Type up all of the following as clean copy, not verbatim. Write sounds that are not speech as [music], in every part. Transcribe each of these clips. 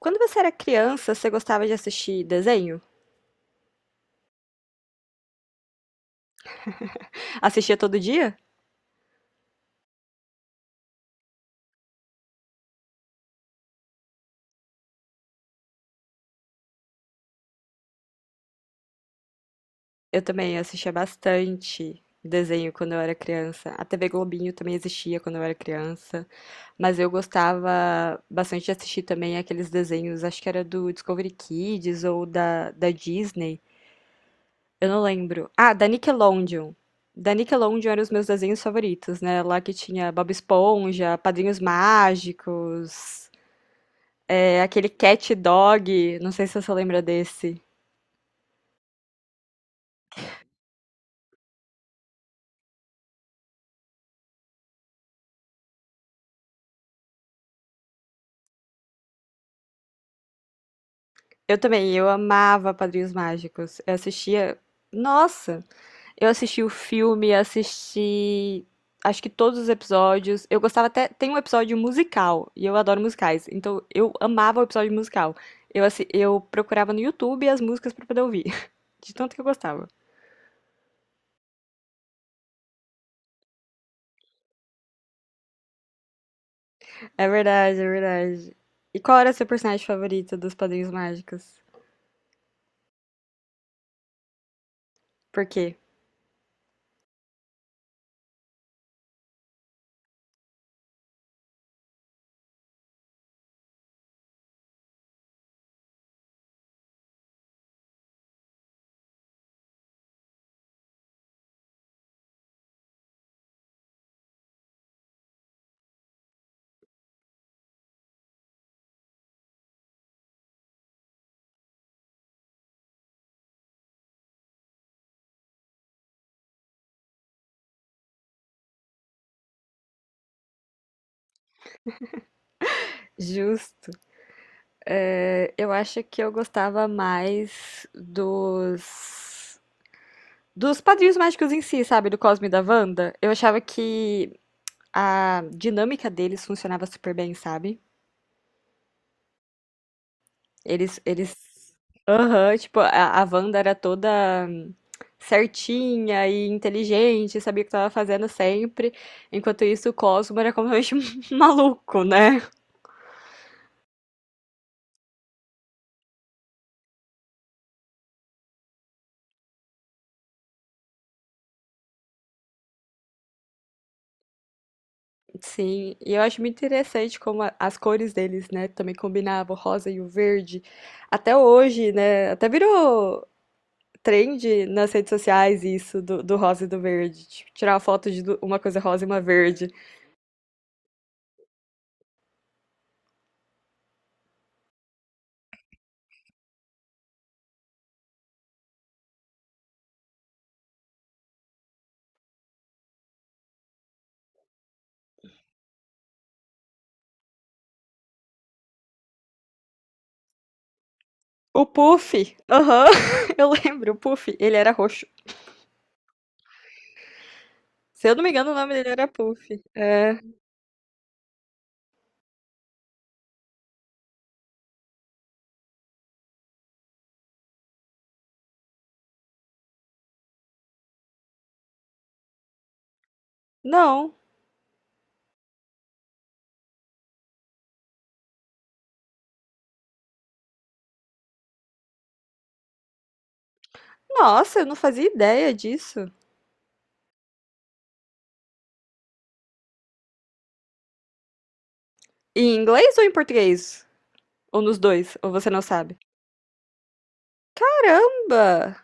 Quando você era criança, você gostava de assistir desenho? Assistia todo dia? Eu também assistia bastante desenho quando eu era criança. A TV Globinho também existia quando eu era criança. Mas eu gostava bastante de assistir também aqueles desenhos, acho que era do Discovery Kids ou da Disney. Eu não lembro. Ah, da Nickelodeon. Da Nickelodeon eram os meus desenhos favoritos, né? Lá que tinha Bob Esponja, Padrinhos Mágicos, é, aquele Cat Dog. Não sei se você lembra desse. Eu também, eu amava Padrinhos Mágicos. Eu assistia. Nossa! Eu assisti o filme, assisti. Acho que todos os episódios. Eu gostava até. Tem um episódio musical, e eu adoro musicais. Então eu amava o episódio musical. Eu, eu procurava no YouTube as músicas pra poder ouvir. [laughs] De tanto que eu gostava. É verdade, é verdade. E qual era seu personagem favorito dos Padrinhos Mágicos? Por quê? Justo. É, eu acho que eu gostava mais dos. Dos Padrinhos Mágicos em si, sabe? Do Cosmo e da Wanda, eu achava que a dinâmica deles funcionava super bem, sabe? Eles, eles, aham, tipo, a Wanda era toda certinha e inteligente, sabia o que estava fazendo sempre. Enquanto isso, o Cosmo era completamente [laughs] maluco, né? Sim, e eu acho muito interessante como as cores deles, né, também combinavam, o rosa e o verde. Até hoje, né, até virou trend nas redes sociais isso do rosa e do verde. Tipo, tirar a foto de uma coisa rosa e uma verde. O Puff, aham, [laughs] eu lembro, o Puff, ele era roxo. Se eu não me engano, o nome dele era Puff. É, não. Nossa, eu não fazia ideia disso. Em inglês ou em português? Ou nos dois? Ou você não sabe? Caramba!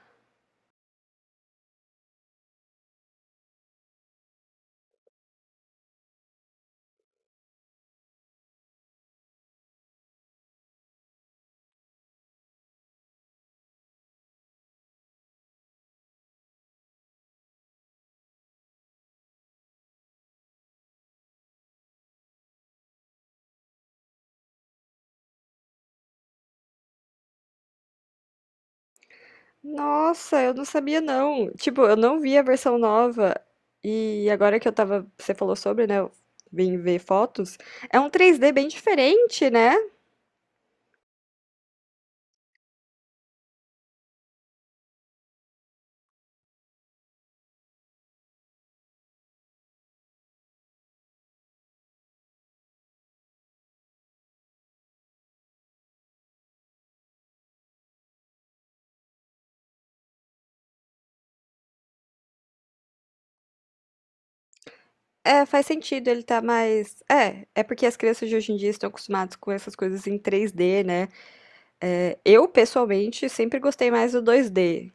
Nossa, eu não sabia não. Tipo, eu não vi a versão nova. E agora que eu tava, você falou sobre, né? Eu vim ver fotos. É um 3D bem diferente, né? É, faz sentido, ele tá mais. É, é porque as crianças de hoje em dia estão acostumadas com essas coisas em 3D, né? É, eu, pessoalmente, sempre gostei mais do 2D.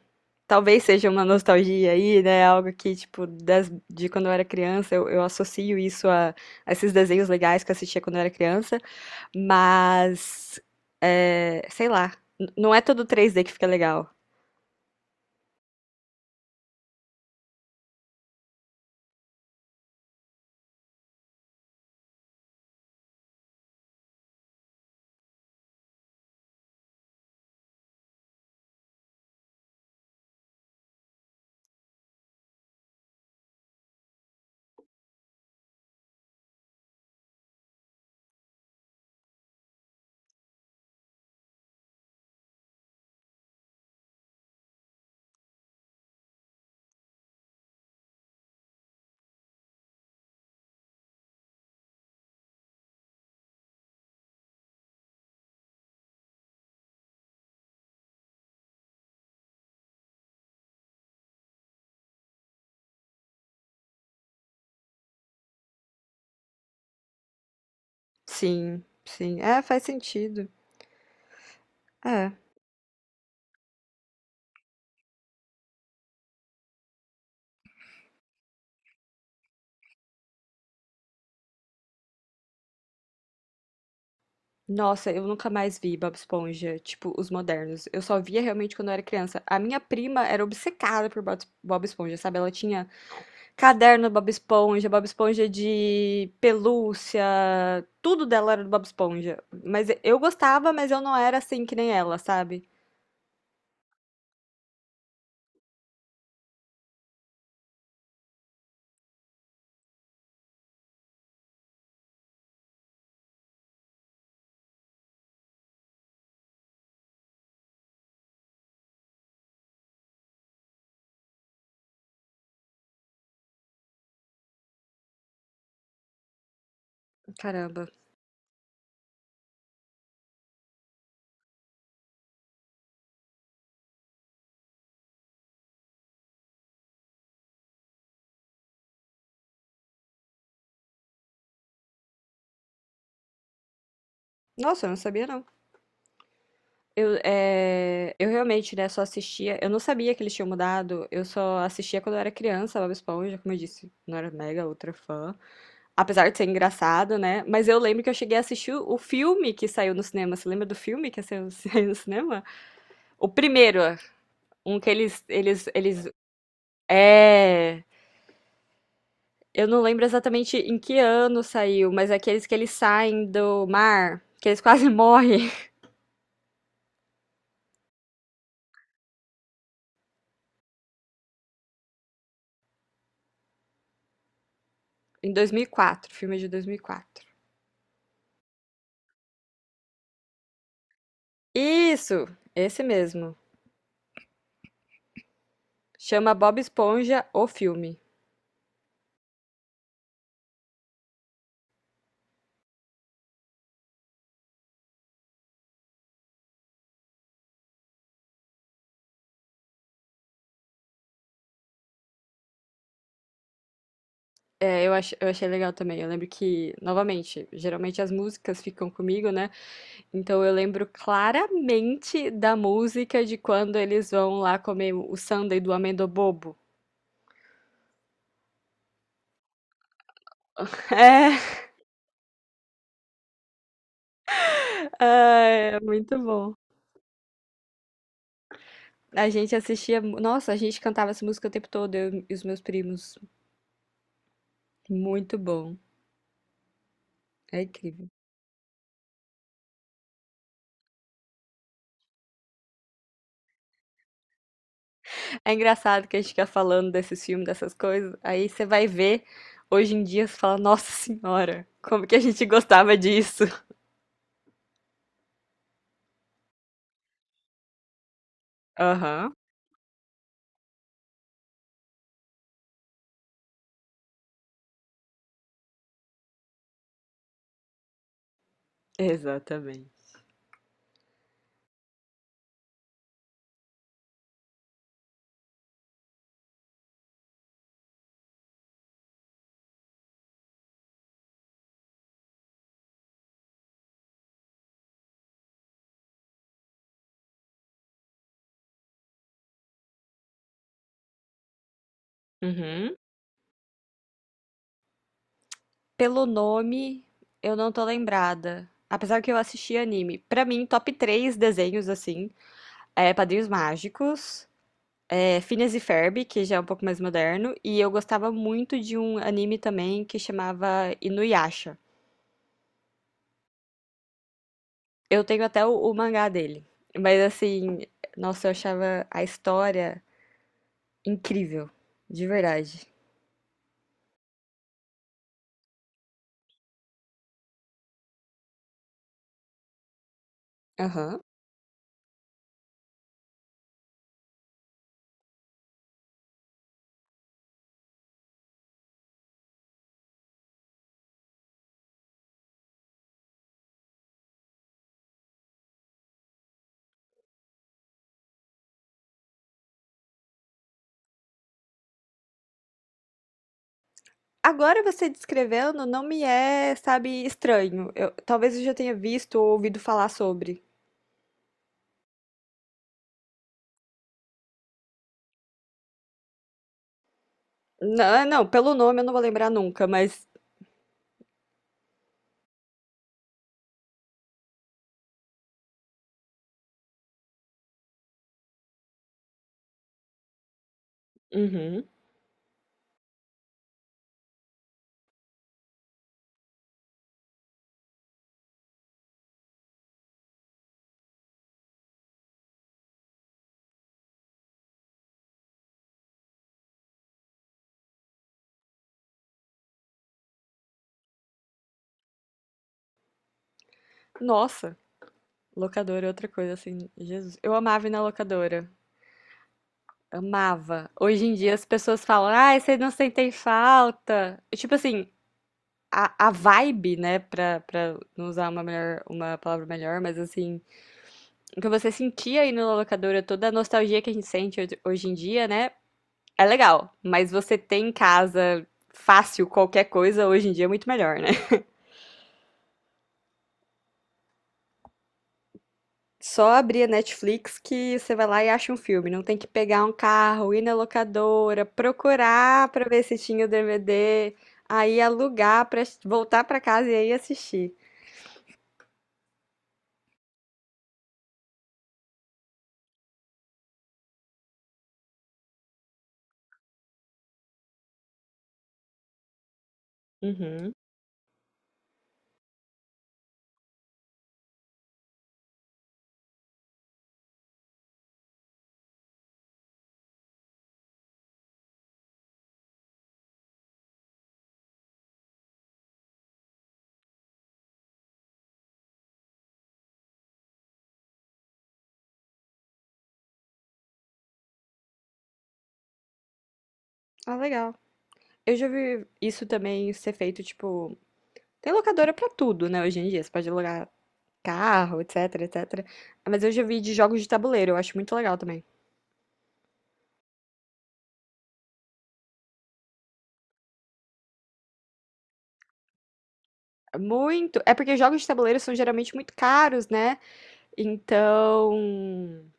Talvez seja uma nostalgia aí, né? Algo que, tipo, das, de quando eu era criança, eu associo isso a esses desenhos legais que eu assistia quando eu era criança. Mas, é, sei lá, não é todo 3D que fica legal. Sim, sim. É, faz sentido. É. Nossa, eu nunca mais vi Bob Esponja, tipo, os modernos. Eu só via realmente quando eu era criança. A minha prima era obcecada por Bob Esponja, sabe? Ela tinha caderno do Bob Esponja, Bob Esponja de pelúcia, tudo dela era do Bob Esponja. Mas eu gostava, mas eu não era assim que nem ela, sabe? Caramba. Nossa, eu não sabia não. Eu, eu realmente, né, só assistia. Eu não sabia que eles tinham mudado. Eu só assistia quando eu era criança, Bob Esponja, como eu disse, não era mega ultra fã. Apesar de ser engraçado, né? Mas eu lembro que eu cheguei a assistir o filme que saiu no cinema. Você lembra do filme que saiu, [laughs] saiu no cinema? O primeiro, um que eles. É. Eu não lembro exatamente em que ano saiu, mas é aqueles que eles saem do mar, que eles quase morrem. [laughs] Em 2004. Filme de 2004. Isso, esse mesmo. Chama Bob Esponja o filme. É, eu, eu achei legal também. Eu lembro que, novamente, geralmente as músicas ficam comigo, né? Então eu lembro claramente da música de quando eles vão lá comer o sundae do amendo bobo. [laughs] É, é muito bom. A gente assistia. Nossa, a gente cantava essa música o tempo todo, eu e os meus primos. Muito bom. É incrível. É engraçado que a gente fica falando desses filmes, dessas coisas, aí você vai ver hoje em dia, você fala, nossa senhora, como que a gente gostava disso? Aham, exatamente. Uhum. Pelo nome, eu não tô lembrada. Apesar que eu assisti anime. Pra mim, top 3 desenhos, assim, é Padrinhos Mágicos, é Phineas e Ferb, que já é um pouco mais moderno, e eu gostava muito de um anime também que chamava Inuyasha. Eu tenho até o mangá dele. Mas assim, nossa, eu achava a história incrível, de verdade. Aham. Agora você descrevendo não me é, sabe, estranho. Eu- talvez eu já tenha visto ou ouvido falar sobre. Não, não, pelo nome eu não vou lembrar nunca, mas. Uhum. Nossa, locadora é outra coisa, assim. Jesus. Eu amava ir na locadora. Amava. Hoje em dia as pessoas falam, ai, vocês não sentem falta. Tipo assim, a vibe, né, pra não usar uma melhor, uma palavra melhor, mas assim, o que você sentia aí na locadora, toda a nostalgia que a gente sente hoje em dia, né, é legal, mas você ter em casa fácil qualquer coisa hoje em dia é muito melhor, né? Só abrir a Netflix que você vai lá e acha um filme, não tem que pegar um carro, ir na locadora, procurar pra ver se tinha o DVD, aí alugar pra voltar pra casa e aí assistir. Uhum. Ah, legal. Eu já vi isso também ser feito, tipo. Tem locadora pra tudo, né, hoje em dia. Você pode alugar carro, etc, etc. Mas eu já vi de jogos de tabuleiro, eu acho muito legal também. Muito. É porque jogos de tabuleiro são geralmente muito caros, né? Então.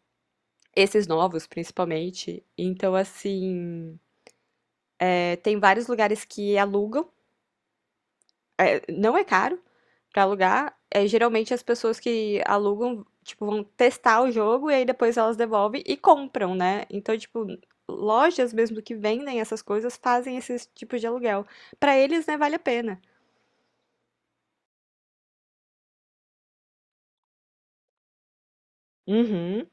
Esses novos, principalmente. Então, assim, é, tem vários lugares que alugam é, não é caro pra alugar. É, geralmente as pessoas que alugam, tipo, vão testar o jogo e aí depois elas devolvem e compram, né? Então, tipo, lojas mesmo que vendem essas coisas fazem esses tipos de aluguel. Pra eles, né, vale a pena. Uhum.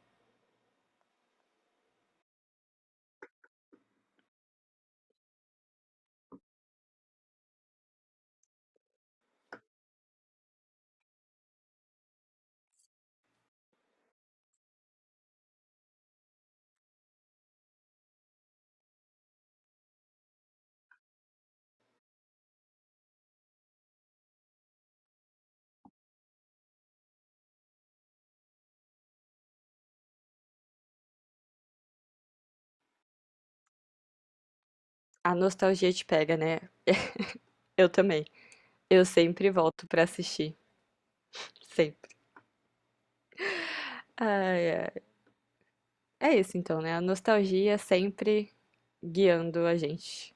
A nostalgia te pega, né? Eu também. Eu sempre volto pra assistir. Sempre. Ai, ai. É isso então, né? A nostalgia sempre guiando a gente.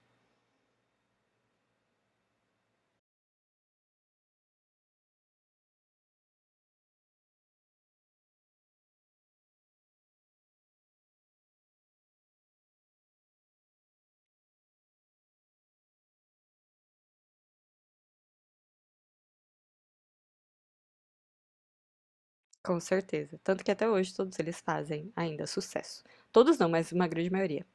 Com certeza. Tanto que até hoje todos eles fazem ainda sucesso. Todos não, mas uma grande maioria.